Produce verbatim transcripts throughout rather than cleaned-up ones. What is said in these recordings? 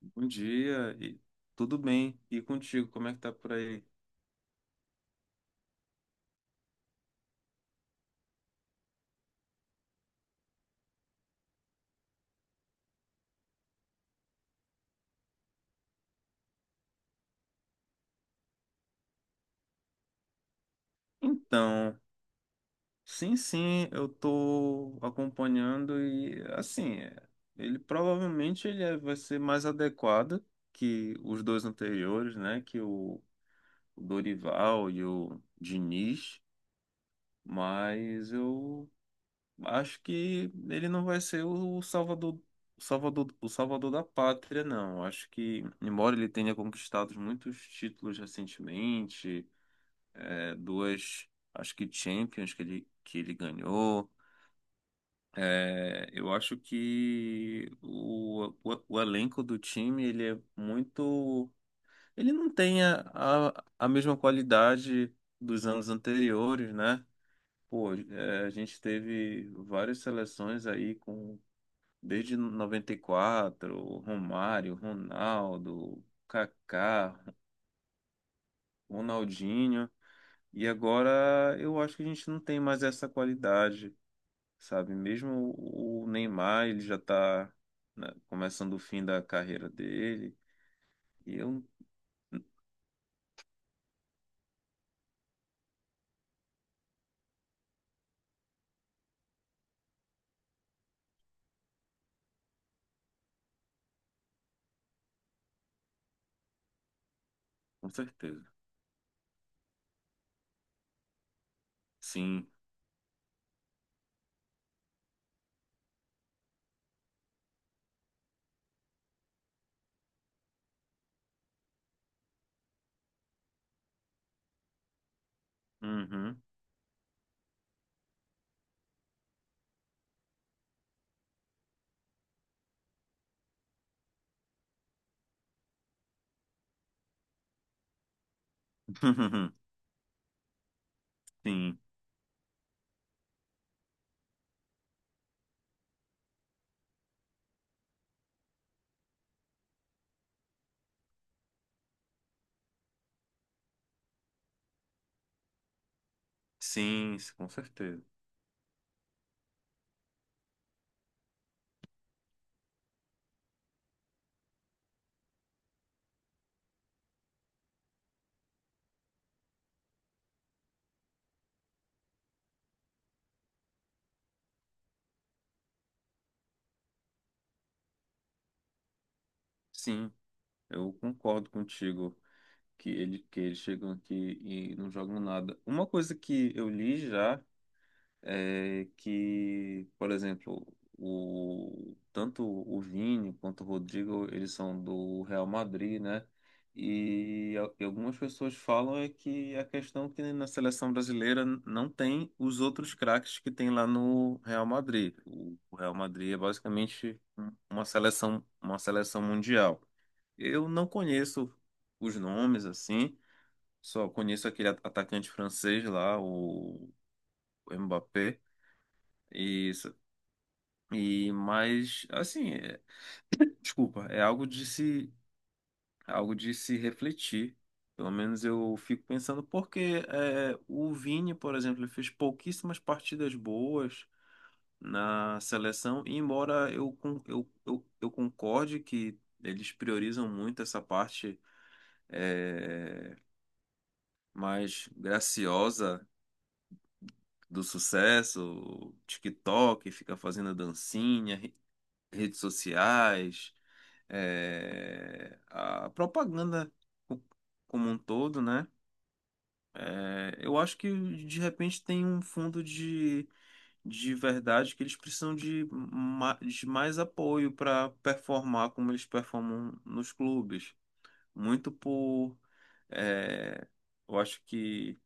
Bom dia, e tudo bem? E contigo, como é que tá por aí? Então, sim, sim, eu tô acompanhando e assim, é, ele provavelmente ele é- vai ser mais adequado que os dois anteriores, né? Que o, o Dorival e o Diniz, mas eu acho que ele não vai ser o salvador, salvador, o salvador da pátria, não. Acho que, embora ele tenha conquistado muitos títulos recentemente é, duas, acho que Champions que ele, que ele ganhou. É, eu acho que o, o, o elenco do time ele é muito. Ele não tem a, a, a mesma qualidade dos anos anteriores, né? Pô, é, a gente teve várias seleções aí com desde noventa e quatro Romário, Ronaldo, Kaká, Ronaldinho. E agora eu acho que a gente não tem mais essa qualidade, sabe? Mesmo o o Neymar, ele já tá, né, começando o fim da carreira dele. E eu, com certeza. Sim. Uhum. Sim. Sim, com certeza. Sim, eu concordo contigo que ele que eles chegam aqui e não jogam nada. Uma coisa que eu li já é que, por exemplo, o, tanto o Vini quanto o Rodrigo, eles são do Real Madrid, né? E al- e algumas pessoas falam é que a questão é que na seleção brasileira não tem os outros craques que tem lá no Real Madrid. O o Real Madrid é basicamente um- uma seleção, uma seleção mundial. Eu não conheço os nomes assim, só conheço aquele at- atacante francês lá, o Mbappé. E e mas assim, é- Desculpa, é algo de se algo de se refletir. Pelo menos eu fico pensando porque é, o Vini, por exemplo, ele fez pouquíssimas partidas boas na seleção, e embora eu, con- eu, eu, eu concorde que eles priorizam muito essa parte, é, mais graciosa do sucesso, TikTok, fica fazendo dancinha, re- redes sociais, é, a propaganda co- como um todo, né? É, eu acho que de repente tem um fundo de, de verdade que eles precisam de, ma- de mais apoio para performar como eles performam nos clubes. Muito por. É, eu acho que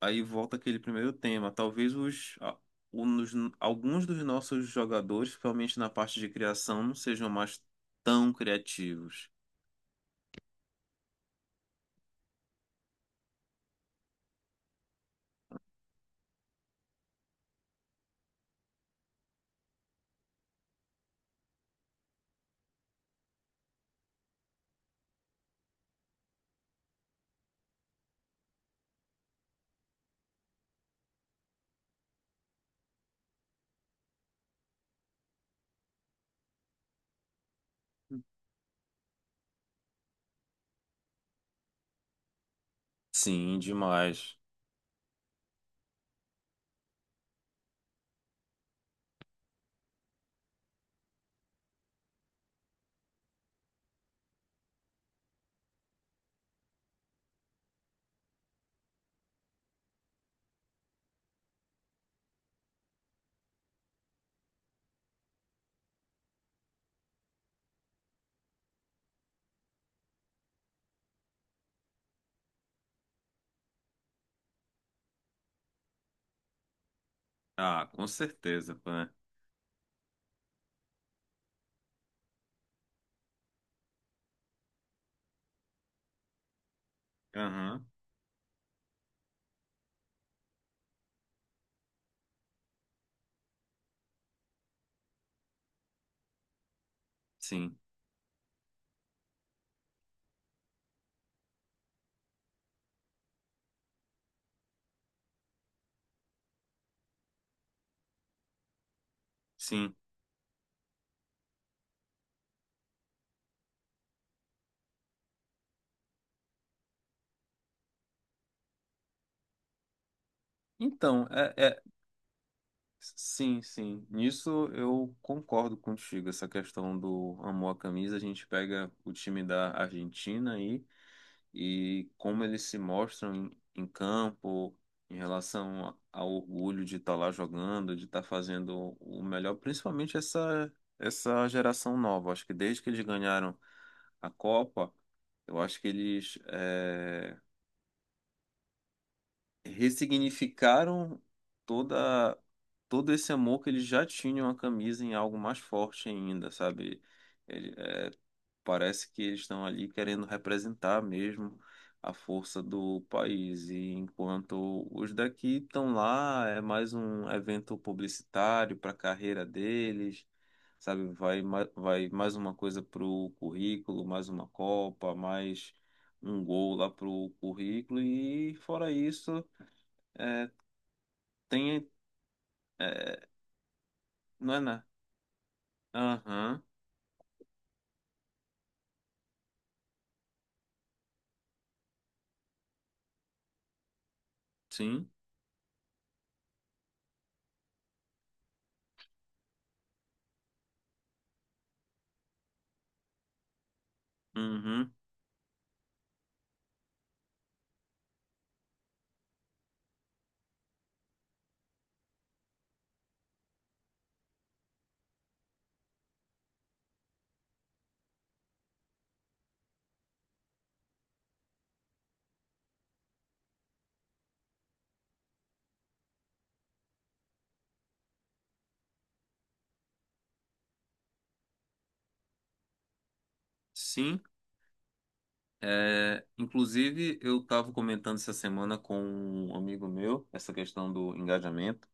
aí volta aquele primeiro tema. Talvez os, a- o- alguns dos nossos jogadores, principalmente na parte de criação, não sejam mais tão criativos. Sim, demais. Ah, com certeza, pô, né? Aham, sim, sim. Então, é, é- Sim, sim. Nisso eu concordo contigo. Essa questão do amor à camisa, a gente pega o time da Argentina aí e como eles se mostram em, em campo, em relação a- ao orgulho de estar lá jogando, de estar fazendo o melhor, principalmente essa, essa geração nova. Acho que desde que eles ganharam a Copa, eu acho que eles, eh, ressignificaram toda todo esse amor que eles já tinham à camisa em algo mais forte ainda, sabe? Ele- é, Parece que eles estão ali querendo representar mesmo a força do país, e enquanto os daqui estão lá, é mais um evento publicitário para a carreira deles. Sabe, vai, ma- vai mais uma coisa pro currículo, mais uma Copa, mais um gol lá pro currículo, e fora isso, é, tem. É, não é na. Aham, sim. Uhum, sim. É, inclusive, eu estava comentando essa semana com um amigo meu essa questão do engajamento.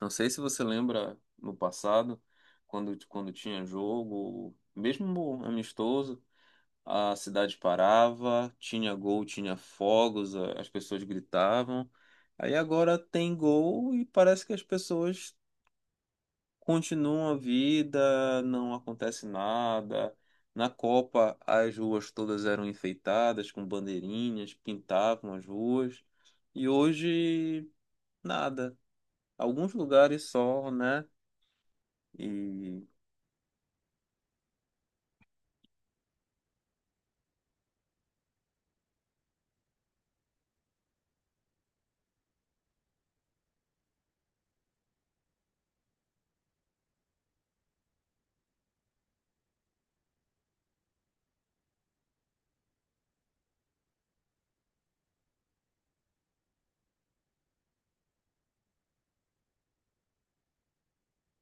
Não sei se você lembra no passado, quando, quando tinha jogo, mesmo amistoso, a cidade parava, tinha gol, tinha fogos, a- as pessoas gritavam. Aí agora tem gol e parece que as pessoas continua a vida, não acontece nada. Na Copa, as ruas todas eram enfeitadas com bandeirinhas, pintavam as ruas. E hoje, nada. Alguns lugares só, né? E.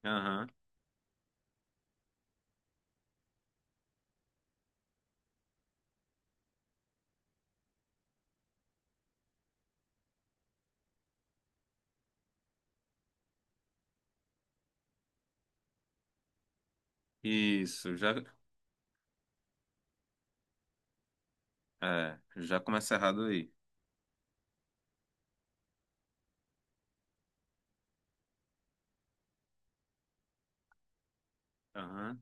Aham. Isso, já. É, já começa errado aí. Aham.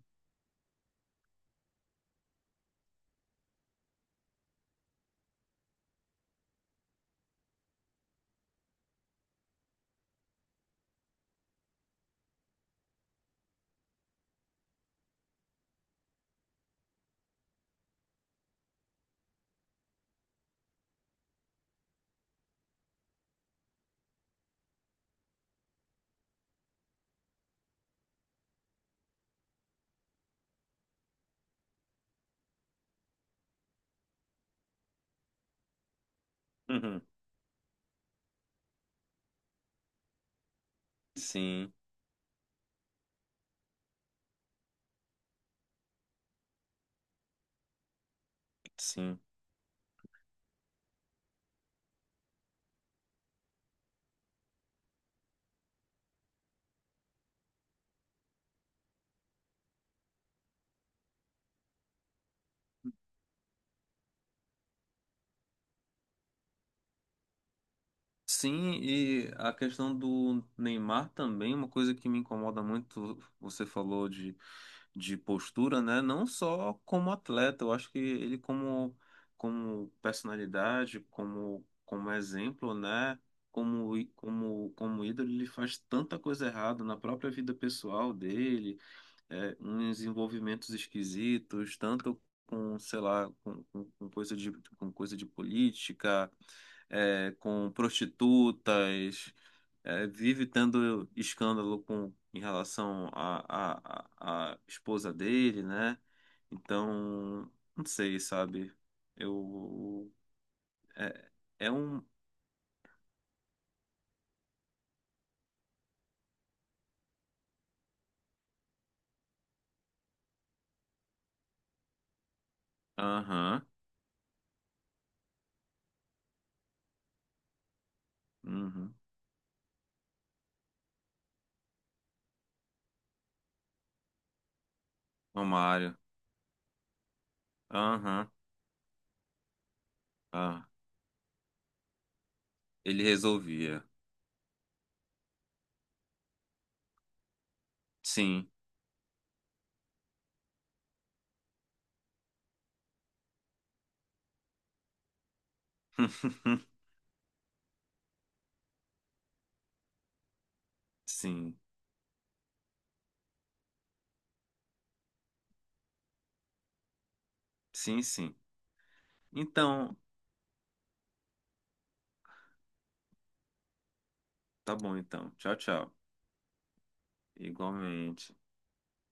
Uhum. Sim, sim. Sim, e a questão do Neymar também, uma coisa que me incomoda muito, você falou de, de postura, né? Não só como atleta, eu acho que ele como, como personalidade, como, como exemplo, né? Como, í- como, como ídolo, ele faz tanta coisa errada na própria vida pessoal dele, é, uns envolvimentos esquisitos, tanto com, sei lá, com, com- com coisa de, com coisa de política, é, com prostitutas, é, vive tendo escândalo com, em relação à à- à- à esposa dele, né? Então, não sei, sabe? Eu. É, é um. Aham. Uhum. O Mário. Aham. Ah, ele resolvia. Sim. Sim. Sim, sim. Então, tá bom então. Tchau, tchau. Igualmente.